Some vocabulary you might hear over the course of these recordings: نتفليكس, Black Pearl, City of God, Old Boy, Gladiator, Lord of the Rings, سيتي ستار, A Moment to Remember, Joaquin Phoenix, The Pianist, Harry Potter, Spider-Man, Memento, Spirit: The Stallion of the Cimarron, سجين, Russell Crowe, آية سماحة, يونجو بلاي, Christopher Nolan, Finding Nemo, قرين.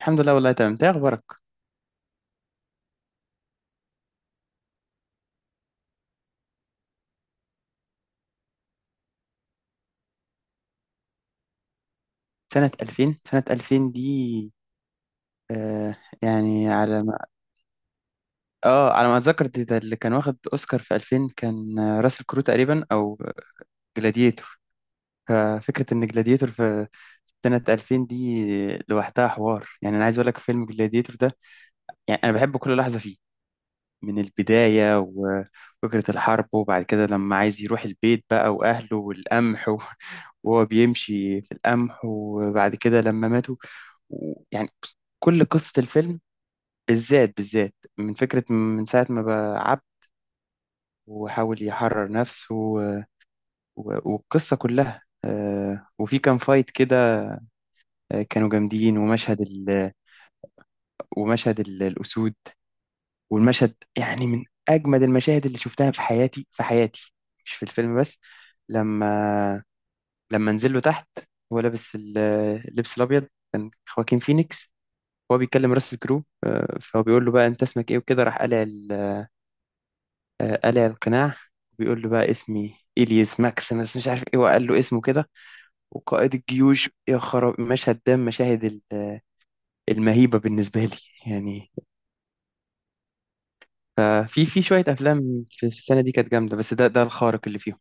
الحمد لله والله تمام. انت ايه اخبارك؟ سنة 2000، سنة 2000 دي. آه يعني على ما اه على ما اتذكر ده اللي كان واخد اوسكار في 2000 كان، راسل كرو تقريبا او جلاديتور. ففكرة ان جلاديتور في سنة 2000 دي لوحدها حوار. يعني انا عايز اقول لك فيلم جلاديتور ده، يعني انا بحب كل لحظة فيه، من البداية وفكرة الحرب وبعد كده لما عايز يروح البيت بقى واهله والقمح. وهو بيمشي في القمح وبعد كده لما ماتوا، يعني كل قصة الفيلم، بالذات بالذات، من فكرة من ساعة ما بقى عبد وحاول يحرر نفسه والقصة كلها، وفي كان فايت كده، كانوا جامدين. ومشهد الأسود، والمشهد يعني من أجمد المشاهد اللي شفتها في حياتي في حياتي. مش في الفيلم بس. لما لما نزل له تحت، هو لابس اللبس الأبيض. كان خواكين فينيكس هو بيكلم راس الكرو، فهو بيقول له بقى أنت اسمك إيه، وكده راح قالع، قلع القناع. بيقول له بقى اسمي إليس ماكسيمس، مش عارف ايه، وقال له اسمه كده وقائد الجيوش. يا خراب مشهد ده. مشاهد المهيبة بالنسبة لي. يعني ففي شوية أفلام في السنة دي كانت جامدة، بس ده الخارق اللي فيهم.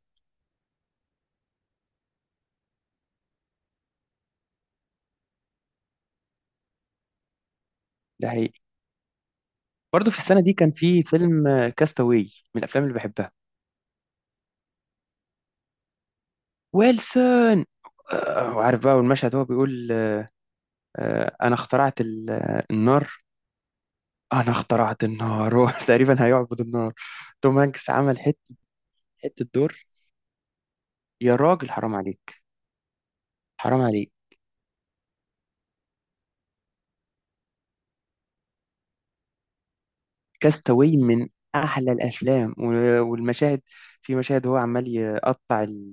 ده حقيقي. برضه في السنة دي كان في فيلم كاستاوي، من الأفلام اللي بحبها. ويلسون، وعارف بقى، والمشهد هو بيقول أنا اخترعت النار. أنا اخترعت النار. هو تقريبا هيعبد النار. توم هانكس عمل حتة، حتة دور. يا راجل حرام عليك، حرام عليك. كاستاوي من احلى الافلام والمشاهد. في مشاهد هو عمال يقطع ال.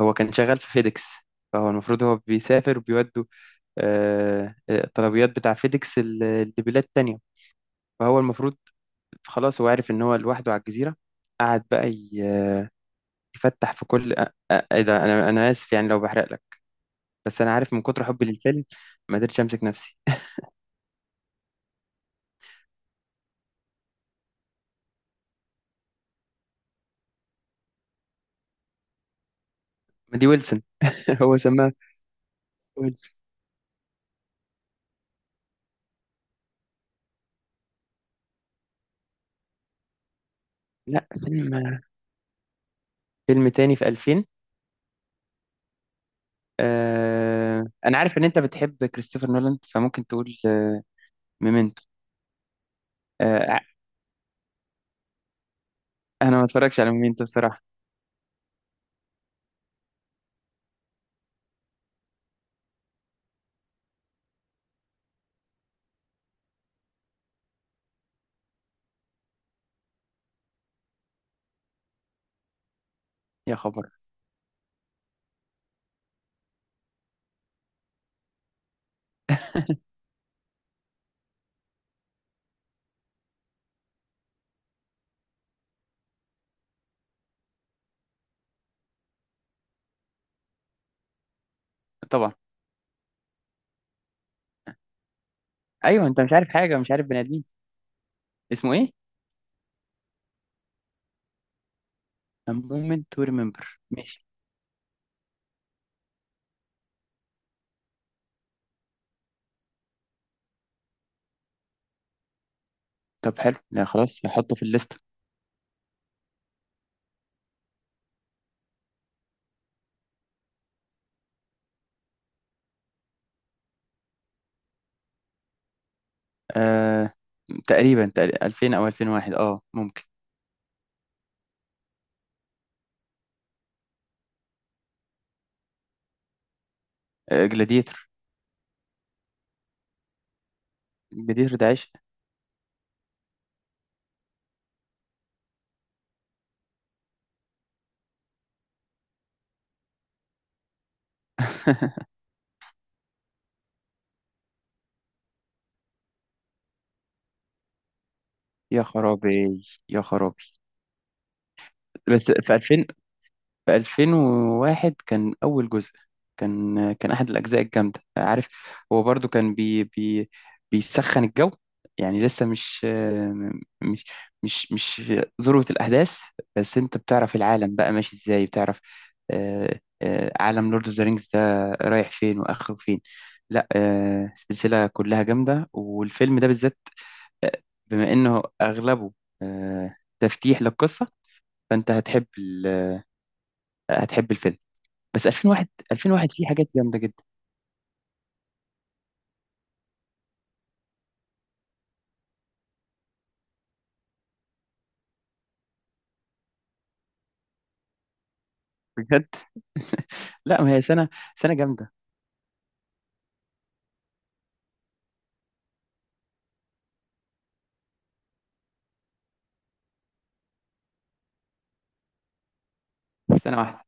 هو كان شغال في فيديكس، فهو المفروض هو بيسافر وبيودوا الطلبيات بتاع فيديكس لبلاد تانية. فهو المفروض خلاص هو عارف ان هو لوحده على الجزيرة. قعد بقى يفتح في كل ايه ده، انا اسف يعني لو بحرق لك، بس انا عارف من كتر حبي للفيلم ما قدرتش امسك نفسي. ما دي ويلسون، هو سماها ويلسون. لا، فيلم تاني في 2000. انا عارف ان انت بتحب كريستوفر نولان فممكن تقول ميمنتو. آه ع- انا ما اتفرجش على ميمنتو الصراحه. يا خبر. طبعا. ايوه انت مش عارف حاجه، مش عارف بني ادمين. اسمه ايه؟ A Moment to Remember. ماشي. طب حلو. لا خلاص، هحطه في الليسته. آه تقريبا، تقريبا 2000 او 2001، ممكن. جلاديتور. جلاديتور ده عشق. يا خرابي، يا خرابي. بس في 2000، في 2001 كان أول جزء. كان أحد الأجزاء الجامدة، عارف. هو برضو كان، بي بي بيسخن الجو، يعني لسه مش مش ذروة الأحداث. بس أنت بتعرف العالم بقى ماشي إزاي، بتعرف عالم لورد أوف ذا رينجز ده رايح فين وآخره فين. لا، السلسلة كلها جامدة، والفيلم ده بالذات، آه، بما إنه أغلبه تفتيح للقصة، فأنت هتحب الفيلم. بس 2001 فيه حاجات جامده جدا. بجد. لا ما هي سنه جامده، سنه واحده.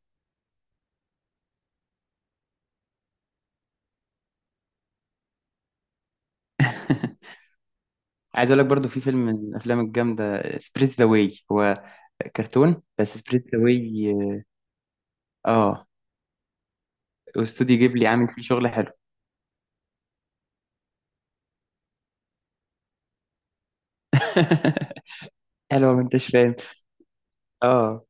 عايز اقول لك برضو في فيلم من الافلام الجامده، سبريت ذا واي. هو كرتون، بس سبريت ذا واي، اه. واستوديو جيبلي عامل فيه شغل حلو. حلو ما انتش فاهم. اه،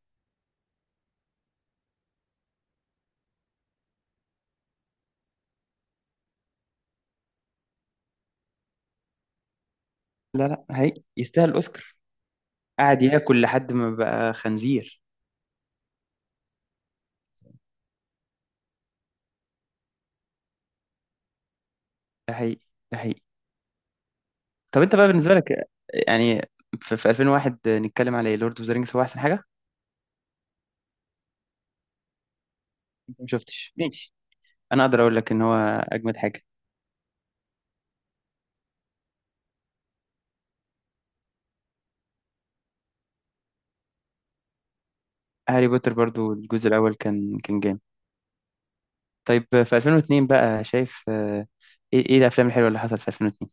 لا لا، حقيقي يستاهل اوسكار. قعد ياكل لحد ما بقى خنزير. ده حقيقي. ده حقيقي. طب انت بقى بالنسبه لك، يعني في 2001 نتكلم على لورد اوف ذا رينجز هو احسن حاجه؟ انت ما شفتش. انا اقدر اقول لك ان هو اجمد حاجه. هاري بوتر برضو الجزء الاول كان جامد. طيب في 2002 بقى شايف، إيه الافلام الحلوه اللي حصلت في 2002؟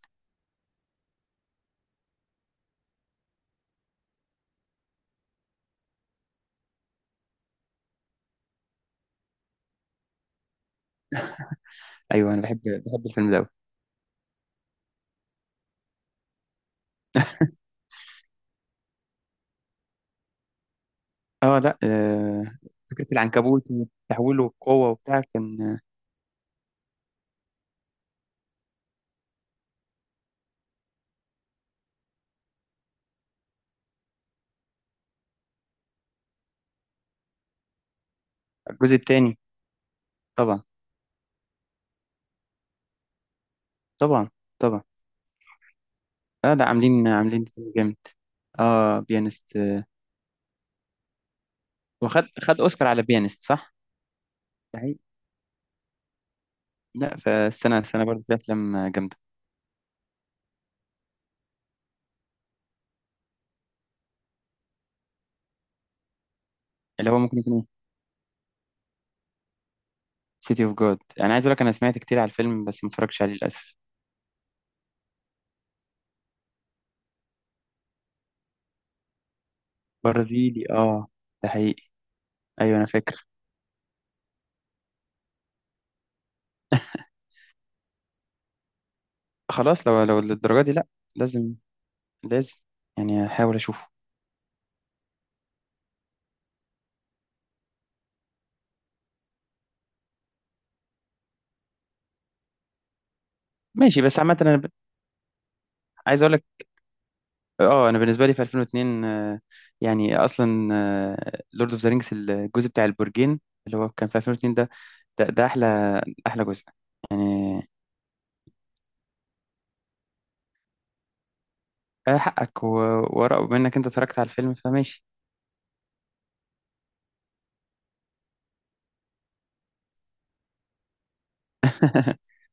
ايوه انا بحب الفيلم ده أوي. اه لا، فكره العنكبوت وتحويله القوه وبتاع كان. الجزء الثاني. طبعا. طبعا. طبعا. اه لا، عاملين فيلم جامد. اه بيانست، وخد اوسكار على بيانست، صح؟ ده حقيقي. لا، فالسنه، السنه برضو في افلام جامده. اللي هو ممكن يكون سيتي اوف جود. انا عايز اقول لك انا سمعت كتير على الفيلم بس ما اتفرجتش عليه للاسف. برازيلي، اه. ده حقيقي. ايوه انا فاكر. خلاص، لو للدرجه دي لا. لازم. لازم. يعني احاول اشوفه. ماشي، بس عامه انا ب، عايز اقول لك. اه انا بالنسبه لي في 2002، يعني اصلا لورد اوف ذا رينجز الجزء بتاع البرجين اللي هو كان في 2002 ده، ده احلى، احلى جزء يعني. حقك و، ورق منك انت اتفرجت على الفيلم فماشي.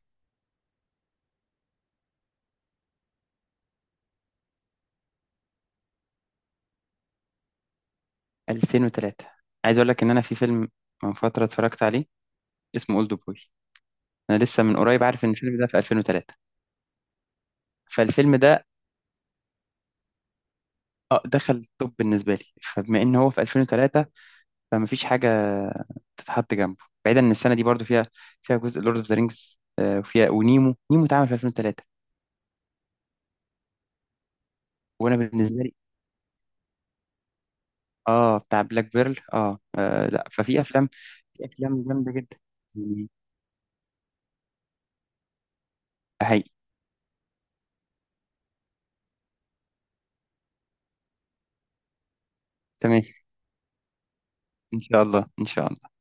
2003. عايز اقول لك ان انا في فيلم من فتره اتفرجت عليه اسمه اولد بوي. انا لسه من قريب عارف ان الفيلم ده في 2003. فالفيلم ده دخل التوب بالنسبة لي، فبما إن هو في 2003 فما فيش حاجة تتحط جنبه، بعيدا إن السنة دي برضو فيها، جزء لورد أوف ذا رينجز، وفيها ونيمو، نيمو اتعمل في 2003. وأنا بالنسبة لي، بتاع بلاك بيرل. لا، ففي أفلام، في أفلام جامدة جدا يعني. حقيقي. تمام. إن شاء الله، إن شاء الله.